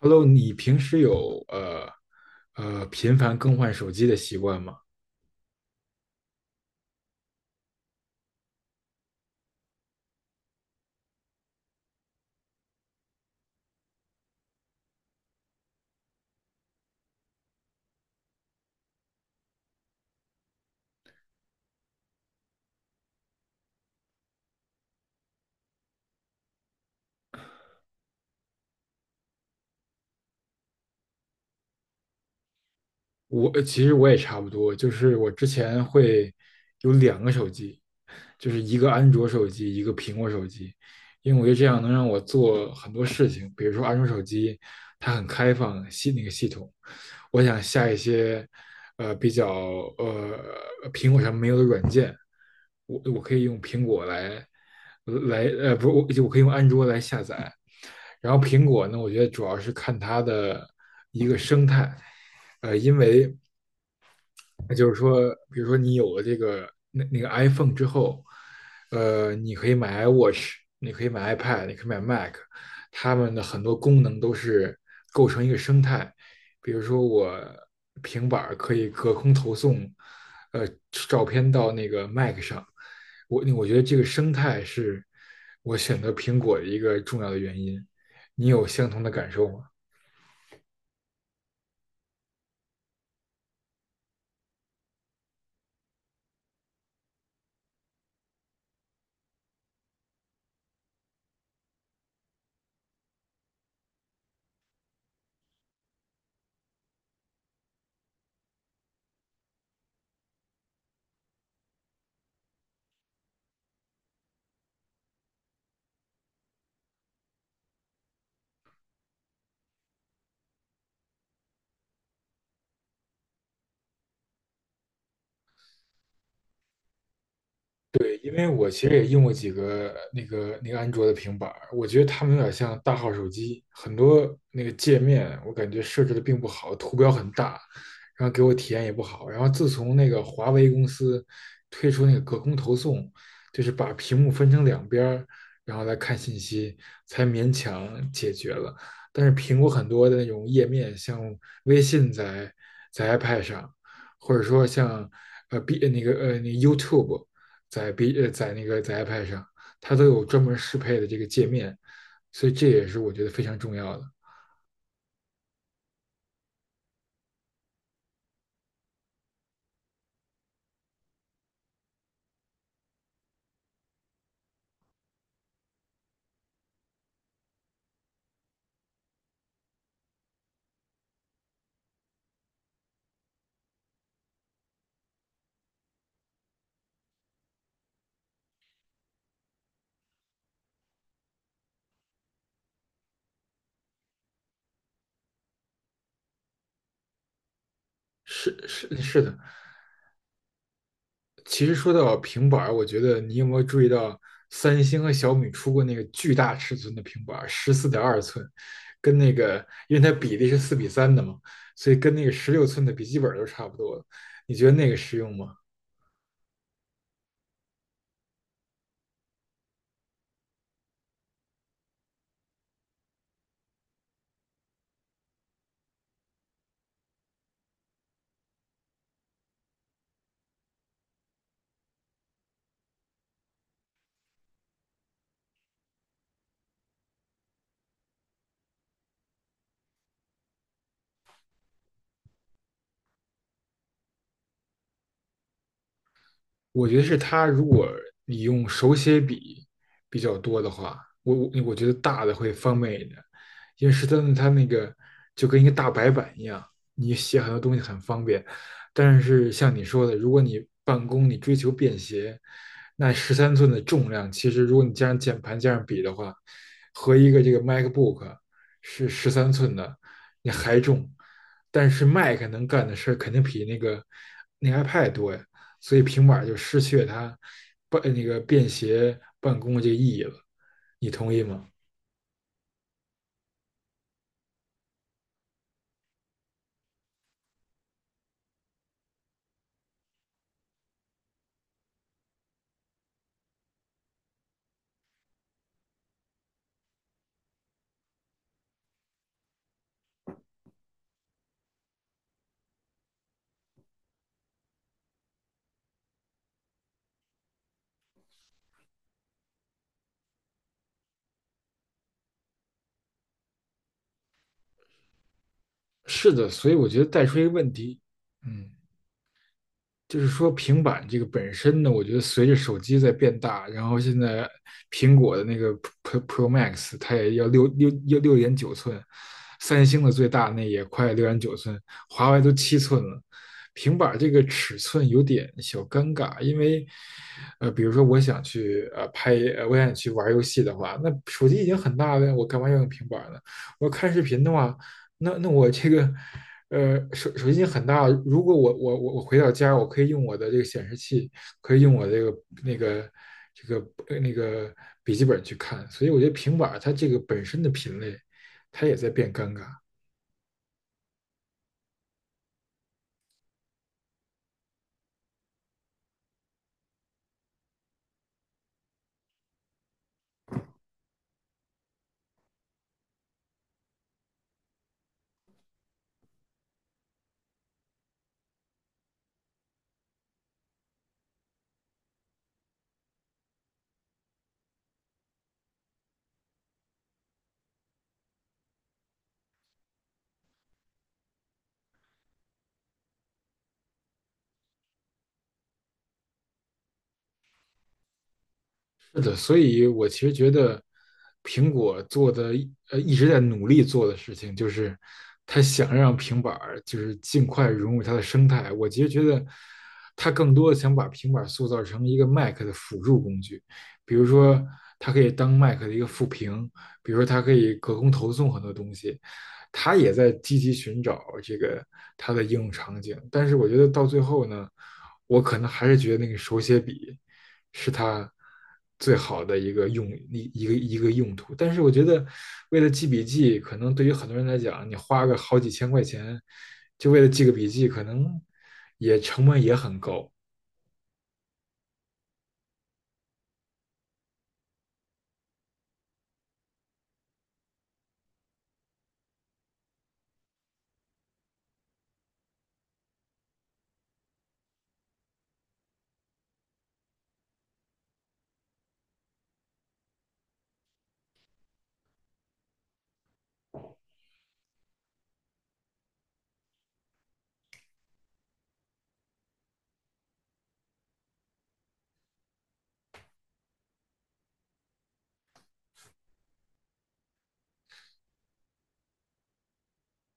Hello，你平时有频繁更换手机的习惯吗？其实我也差不多，就是我之前会有2个手机，就是一个安卓手机，一个苹果手机，因为我觉得这样能让我做很多事情，比如说安卓手机它很开放那个系统，我想下一些比较呃苹果上没有的软件，我可以用苹果来不是我可以用安卓来下载，然后苹果呢，我觉得主要是看它的一个生态。呃。那就是说，比如说你有了这个那个 iPhone 之后，你可以买 iWatch，你可以买 iPad，你可以买 Mac，它们的很多功能都是构成一个生态。比如说，我平板儿可以隔空投送，呃，照片到那个 Mac 上。我觉得这个生态是我选择苹果的一个重要的原因。你有相同的感受吗？对，因为我其实也用过几个那个安卓的平板儿，我觉得他们有点像大号手机，很多那个界面我感觉设置的并不好，图标很大，然后给我体验也不好。然后自从那个华为公司推出那个隔空投送，就是把屏幕分成两边儿，然后来看信息，才勉强解决了。但是苹果很多的那种页面，像微信在 iPad 上，或者说像呃 B 呃那个呃那个 YouTube。在 B 呃在那个在 iPad 上，它都有专门适配的这个界面，所以这也是我觉得非常重要的。是是是的，其实说到平板我觉得你有没有注意到，三星和小米出过那个巨大尺寸的平板儿，14.2寸，跟那个因为它比例是4:3的嘛，所以跟那个16寸的笔记本都差不多了。你觉得那个实用吗？我觉得是它，如果你用手写笔比较多的话，我觉得大的会方便一点，因为十三寸它那个就跟一个大白板一样，你写很多东西很方便。但是像你说的，如果你办公你追求便携，那十三寸的重量其实如果你加上键盘加上笔的话，和一个这个 MacBook 是13寸的，你还重，但是 Mac 能干的事儿肯定比那个iPad 多呀。所以平板就失去了它那个便携办公的这个意义了。你同意吗？是的，所以我觉得带出一个问题，嗯。就是说平板这个本身呢，我觉得随着手机在变大，然后现在苹果的那个 Pro Max 它也要六点九寸，三星的最大那也快六点九寸，华为都7寸了。平板这个尺寸有点小尴尬，因为，比如说我想去拍，我想去玩游戏的话，那手机已经很大了，我干嘛要用平板呢？我看视频的话，那我这个手机已经很大了。如果我回到家，我可以用我的这个显示器，可以用我那个这个笔记本去看。所以我觉得平板儿它这个本身的品类，它也在变尴尬。是的，所以我其实觉得苹果做的一直在努力做的事情，就是他想让平板儿就是尽快融入它的生态。我其实觉得他更多的想把平板儿塑造成一个 Mac 的辅助工具，比如说它可以当 Mac 的一个副屏，比如说它可以隔空投送很多东西，他也在积极寻找这个它的应用场景。但是我觉得到最后呢，我可能还是觉得那个手写笔。是它最好的一个用一一个一个用途。但是我觉得，为了记笔记，可能对于很多人来讲，你花个好几千块钱，就为了记个笔记，可能也成本也很高。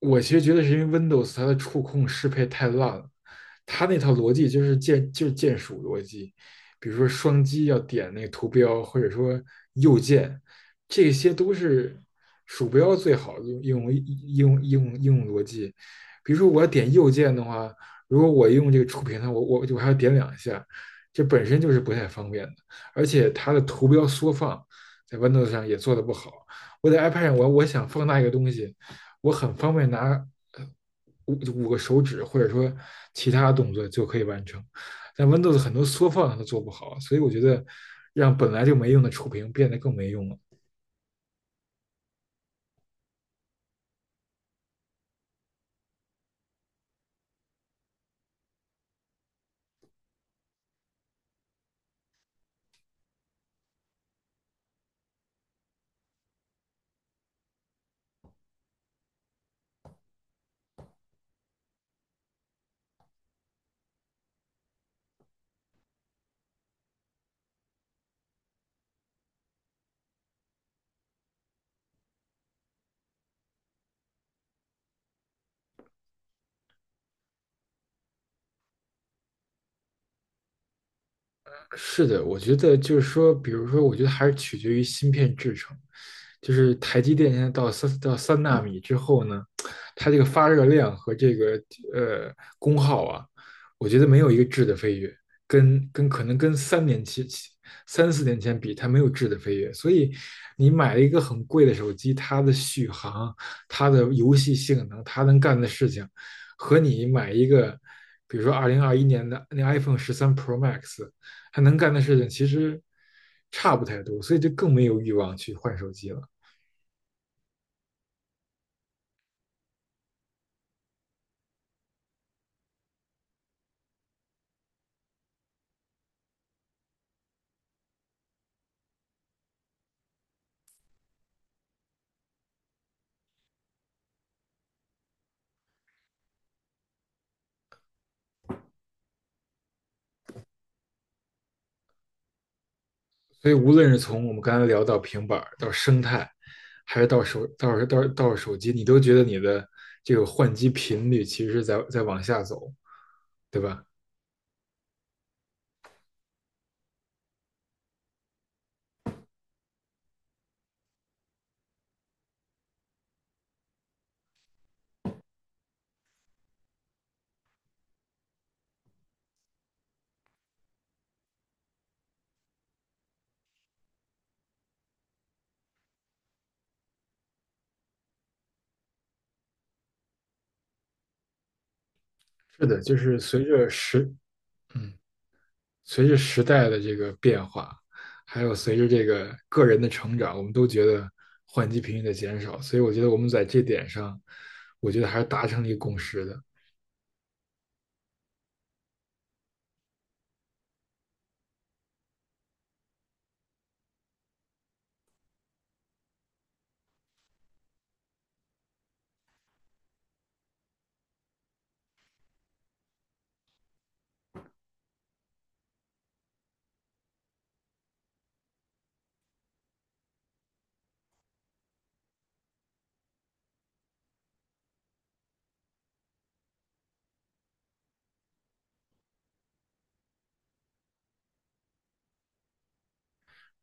我其实觉得是因为 Windows 它的触控适配太烂了，它那套逻辑就是键鼠逻辑，比如说双击要点那个图标，或者说右键，这些都是鼠标最好的应用逻辑。比如说我要点右键的话，如果我用这个触屏的，我还要点2下，这本身就是不太方便的，而且它的图标缩放在 Windows 上也做的不好。我在 iPad 上我想放大一个东西。我很方便拿呃五五个手指或者说其他动作就可以完成。但 Windows 很多缩放它都做不好，所以我觉得让本来就没用的触屏变得更没用了。是的，我觉得就是说，比如说，我觉得还是取决于芯片制成。就是台积电现在到3纳米之后呢，它这个发热量和这个呃功耗啊，我觉得没有一个质的飞跃，可能跟3年前三四年前比，它没有质的飞跃。所以你买了一个很贵的手机，它的续航、它的游戏性能、它能干的事情，和你买一个。比如说，2021年的那 iPhone 13 Pro Max，他能干的事情其实差不太多，所以就更没有欲望去换手机了。所以无论是从我们刚才聊到平板到生态，还是到手到到到手机，你都觉得你的这个换机频率其实是在往下走，对吧？是的，就是嗯随着时代的这个变化，还有随着这个个人的成长，我们都觉得换机频率的减少。所以我觉得我们在这点上，我觉得还是达成了一个共识的。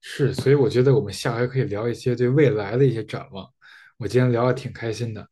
是，所以我觉得我们下回可以聊一些对未来的一些展望。我今天聊的挺开心的。